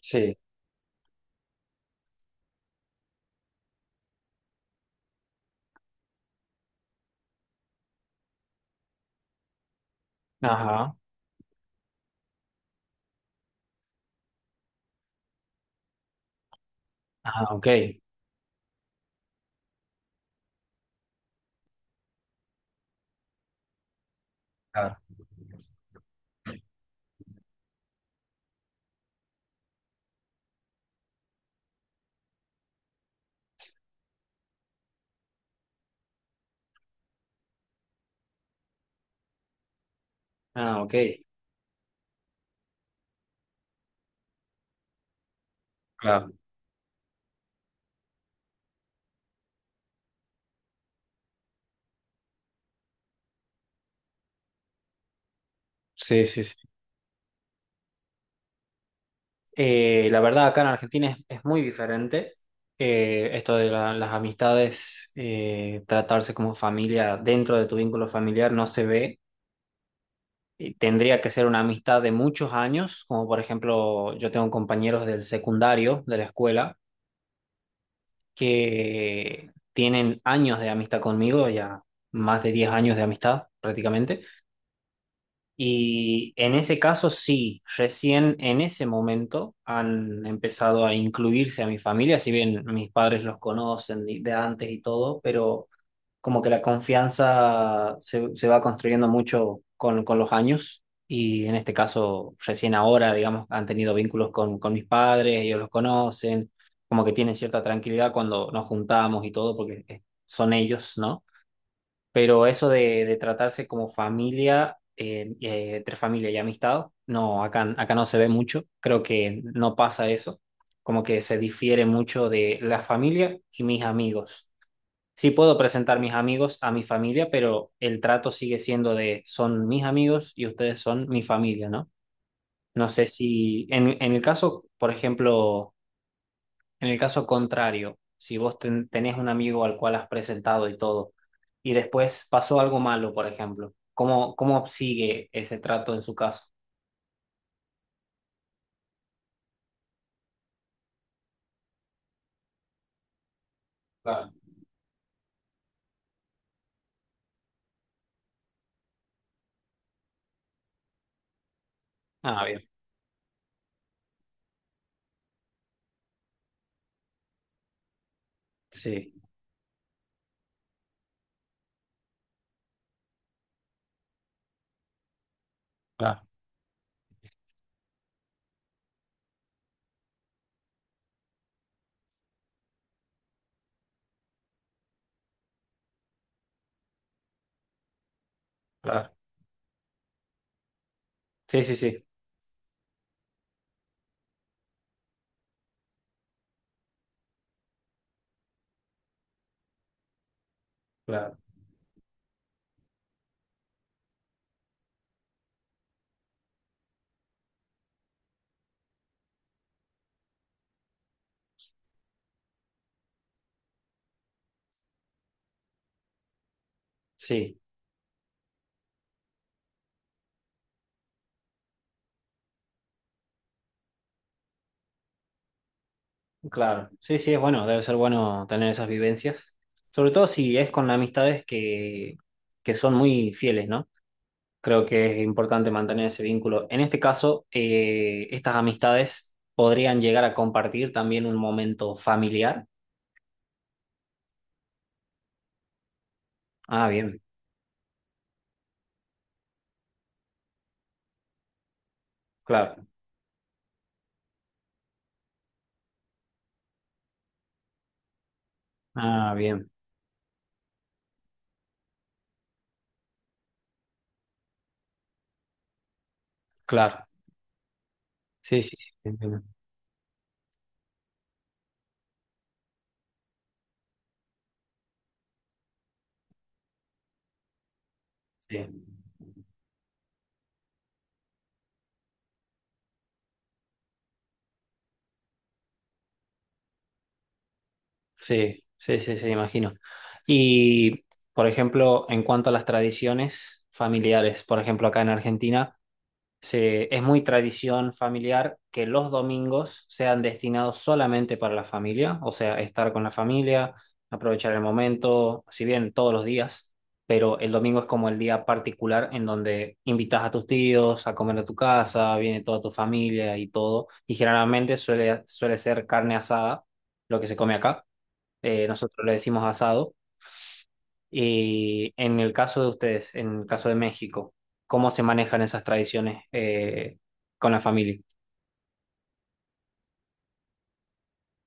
Sí, ajá, ajá, ok. Claro. Ah, ok. Claro. Sí, sí, sí. La verdad, acá en Argentina es muy diferente. Esto de las amistades, tratarse como familia dentro de tu vínculo familiar no se ve. Y tendría que ser una amistad de muchos años, como por ejemplo, yo tengo compañeros del secundario, de la escuela, que tienen años de amistad conmigo, ya más de 10 años de amistad prácticamente. Y en ese caso sí, recién en ese momento han empezado a incluirse a mi familia, si bien mis padres los conocen de antes y todo, pero como que la confianza se va construyendo mucho con los años y en este caso recién ahora, digamos, han tenido vínculos con mis padres, ellos los conocen, como que tienen cierta tranquilidad cuando nos juntamos y todo, porque son ellos, ¿no? Pero eso de tratarse como familia, entre familia y amistad, no, acá no se ve mucho. Creo que no pasa eso. Como que se difiere mucho de la familia y mis amigos. Sí puedo presentar mis amigos a mi familia, pero el trato sigue siendo de son mis amigos y ustedes son mi familia, ¿no? No sé si en el caso, por ejemplo en el caso contrario, si vos tenés un amigo al cual has presentado y todo, y después pasó algo malo, por ejemplo, ¿cómo, cómo sigue ese trato en su caso? Claro. Ah, bien, sí, claro, claro, sí, sí, sí, claro, sí, claro. Sí, sí, es bueno, debe ser bueno tener esas vivencias, sobre todo si es con amistades que son muy fieles, ¿no? Creo que es importante mantener ese vínculo. En este caso, estas amistades podrían llegar a compartir también un momento familiar. Ah, bien, claro. Ah, bien, claro. Sí, sí, sí, entiendo. Sí, sí, sí, sí, sí, sí, imagino. Y, por ejemplo, en cuanto a las tradiciones familiares, por ejemplo, acá en Argentina, es muy tradición familiar que los domingos sean destinados solamente para la familia, o sea, estar con la familia, aprovechar el momento, si bien todos los días, pero el domingo es como el día particular en donde invitas a tus tíos a comer a tu casa, viene toda tu familia y todo, y generalmente suele ser carne asada, lo que se come acá. Nosotros le decimos asado y en el caso de ustedes, en el caso de México, ¿cómo se manejan esas tradiciones con la familia?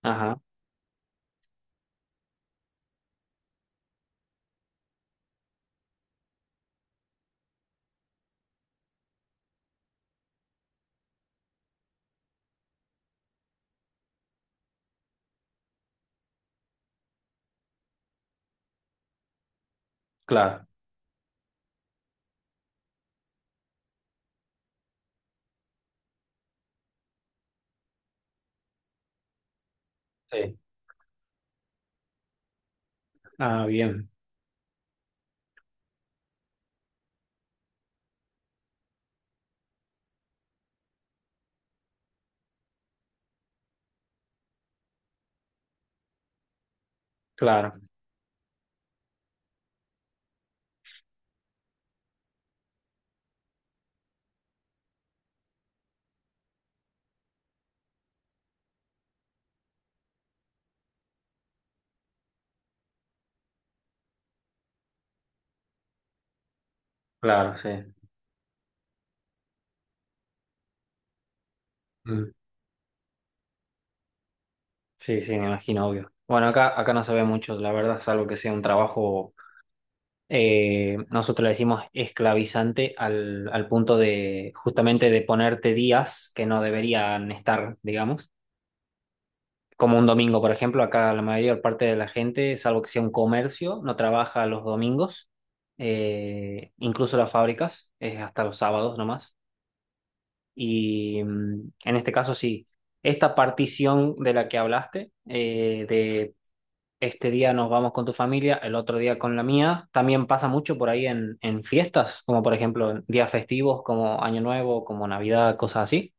Ajá, claro, sí. Ah, bien, claro, claro, sí. Mm. Sí, sí, me imagino, obvio. Bueno, acá no se ve mucho, la verdad, salvo que sea un trabajo, nosotros le decimos esclavizante al punto de justamente de ponerte días que no deberían estar, digamos. Como un domingo, por ejemplo, acá la mayor parte de la gente, salvo que sea un comercio, no trabaja los domingos, incluso las fábricas, es hasta los sábados nomás. Y en este caso sí, esta partición de la que hablaste, de este día nos vamos con tu familia, el otro día con la mía, también pasa mucho por ahí en fiestas, como por ejemplo en días festivos, como Año Nuevo, como Navidad, cosas así.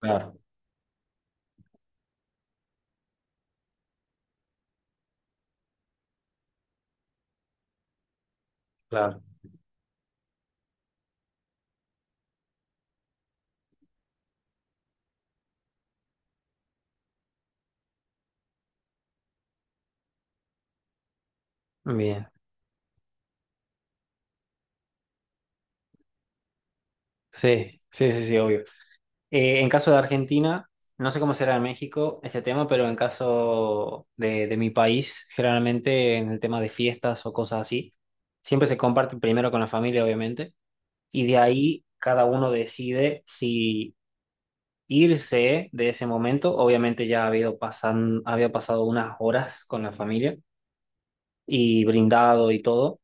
Claro, claro. Bien. Sí, sí, sí, sí, obvio. En caso de Argentina, no sé cómo será en México este tema, pero en caso de mi país, generalmente en el tema de fiestas o cosas así, siempre se comparte primero con la familia, obviamente, y de ahí cada uno decide si irse de ese momento. Obviamente ya ha habido pasan, había pasado unas horas con la familia y brindado y todo.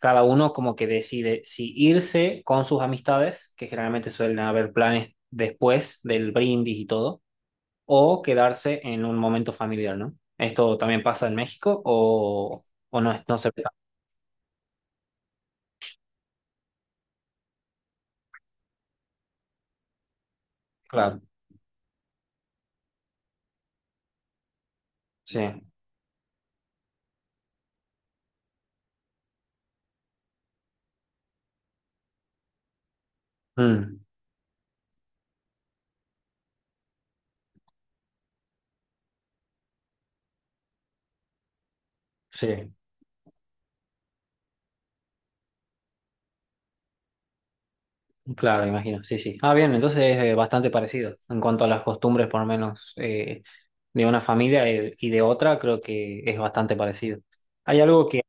Cada uno como que decide si irse con sus amistades, que generalmente suelen haber planes después del brindis y todo o quedarse en un momento familiar, ¿no? ¿Esto también pasa en México o no, no se ve tanto? Claro, sí. Mm, sí, claro, imagino. Sí, sí. Ah, bien, entonces es bastante parecido en cuanto a las costumbres, por lo menos de una familia y de otra, creo que es bastante parecido. Hay algo que,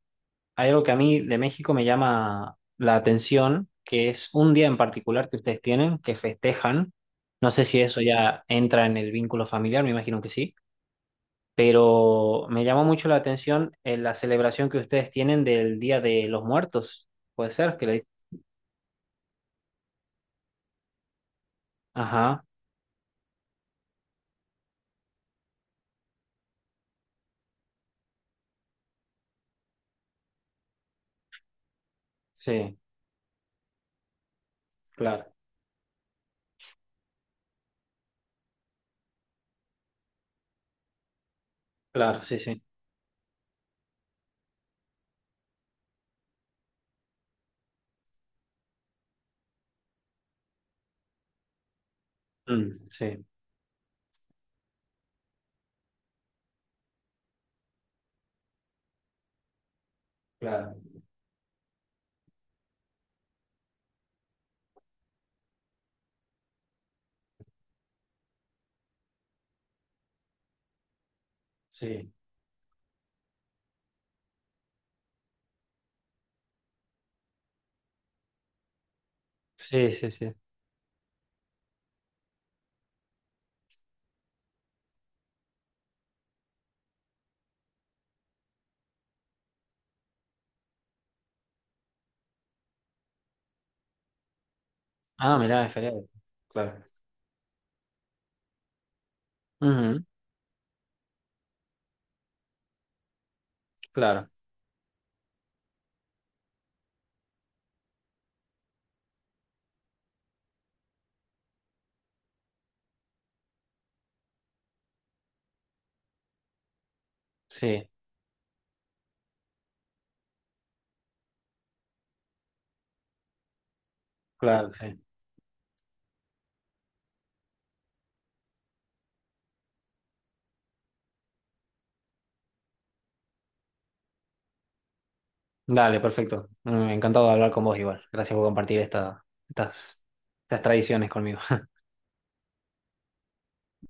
hay algo que a mí de México me llama la atención, que es un día en particular que ustedes tienen, que festejan. No sé si eso ya entra en el vínculo familiar, me imagino que sí, pero me llamó mucho la atención la celebración que ustedes tienen del Día de los Muertos. Puede ser que le dicen. Ajá, sí, claro, claro, sí, sí. Mm, sí, claro, sí. Sí, sí, sí. Ah, mirá, es feriado. Claro. Ujú, claro, sí, claro, sí. Dale, perfecto. Mm, encantado de hablar con vos igual. Gracias por compartir estas, estas tradiciones conmigo.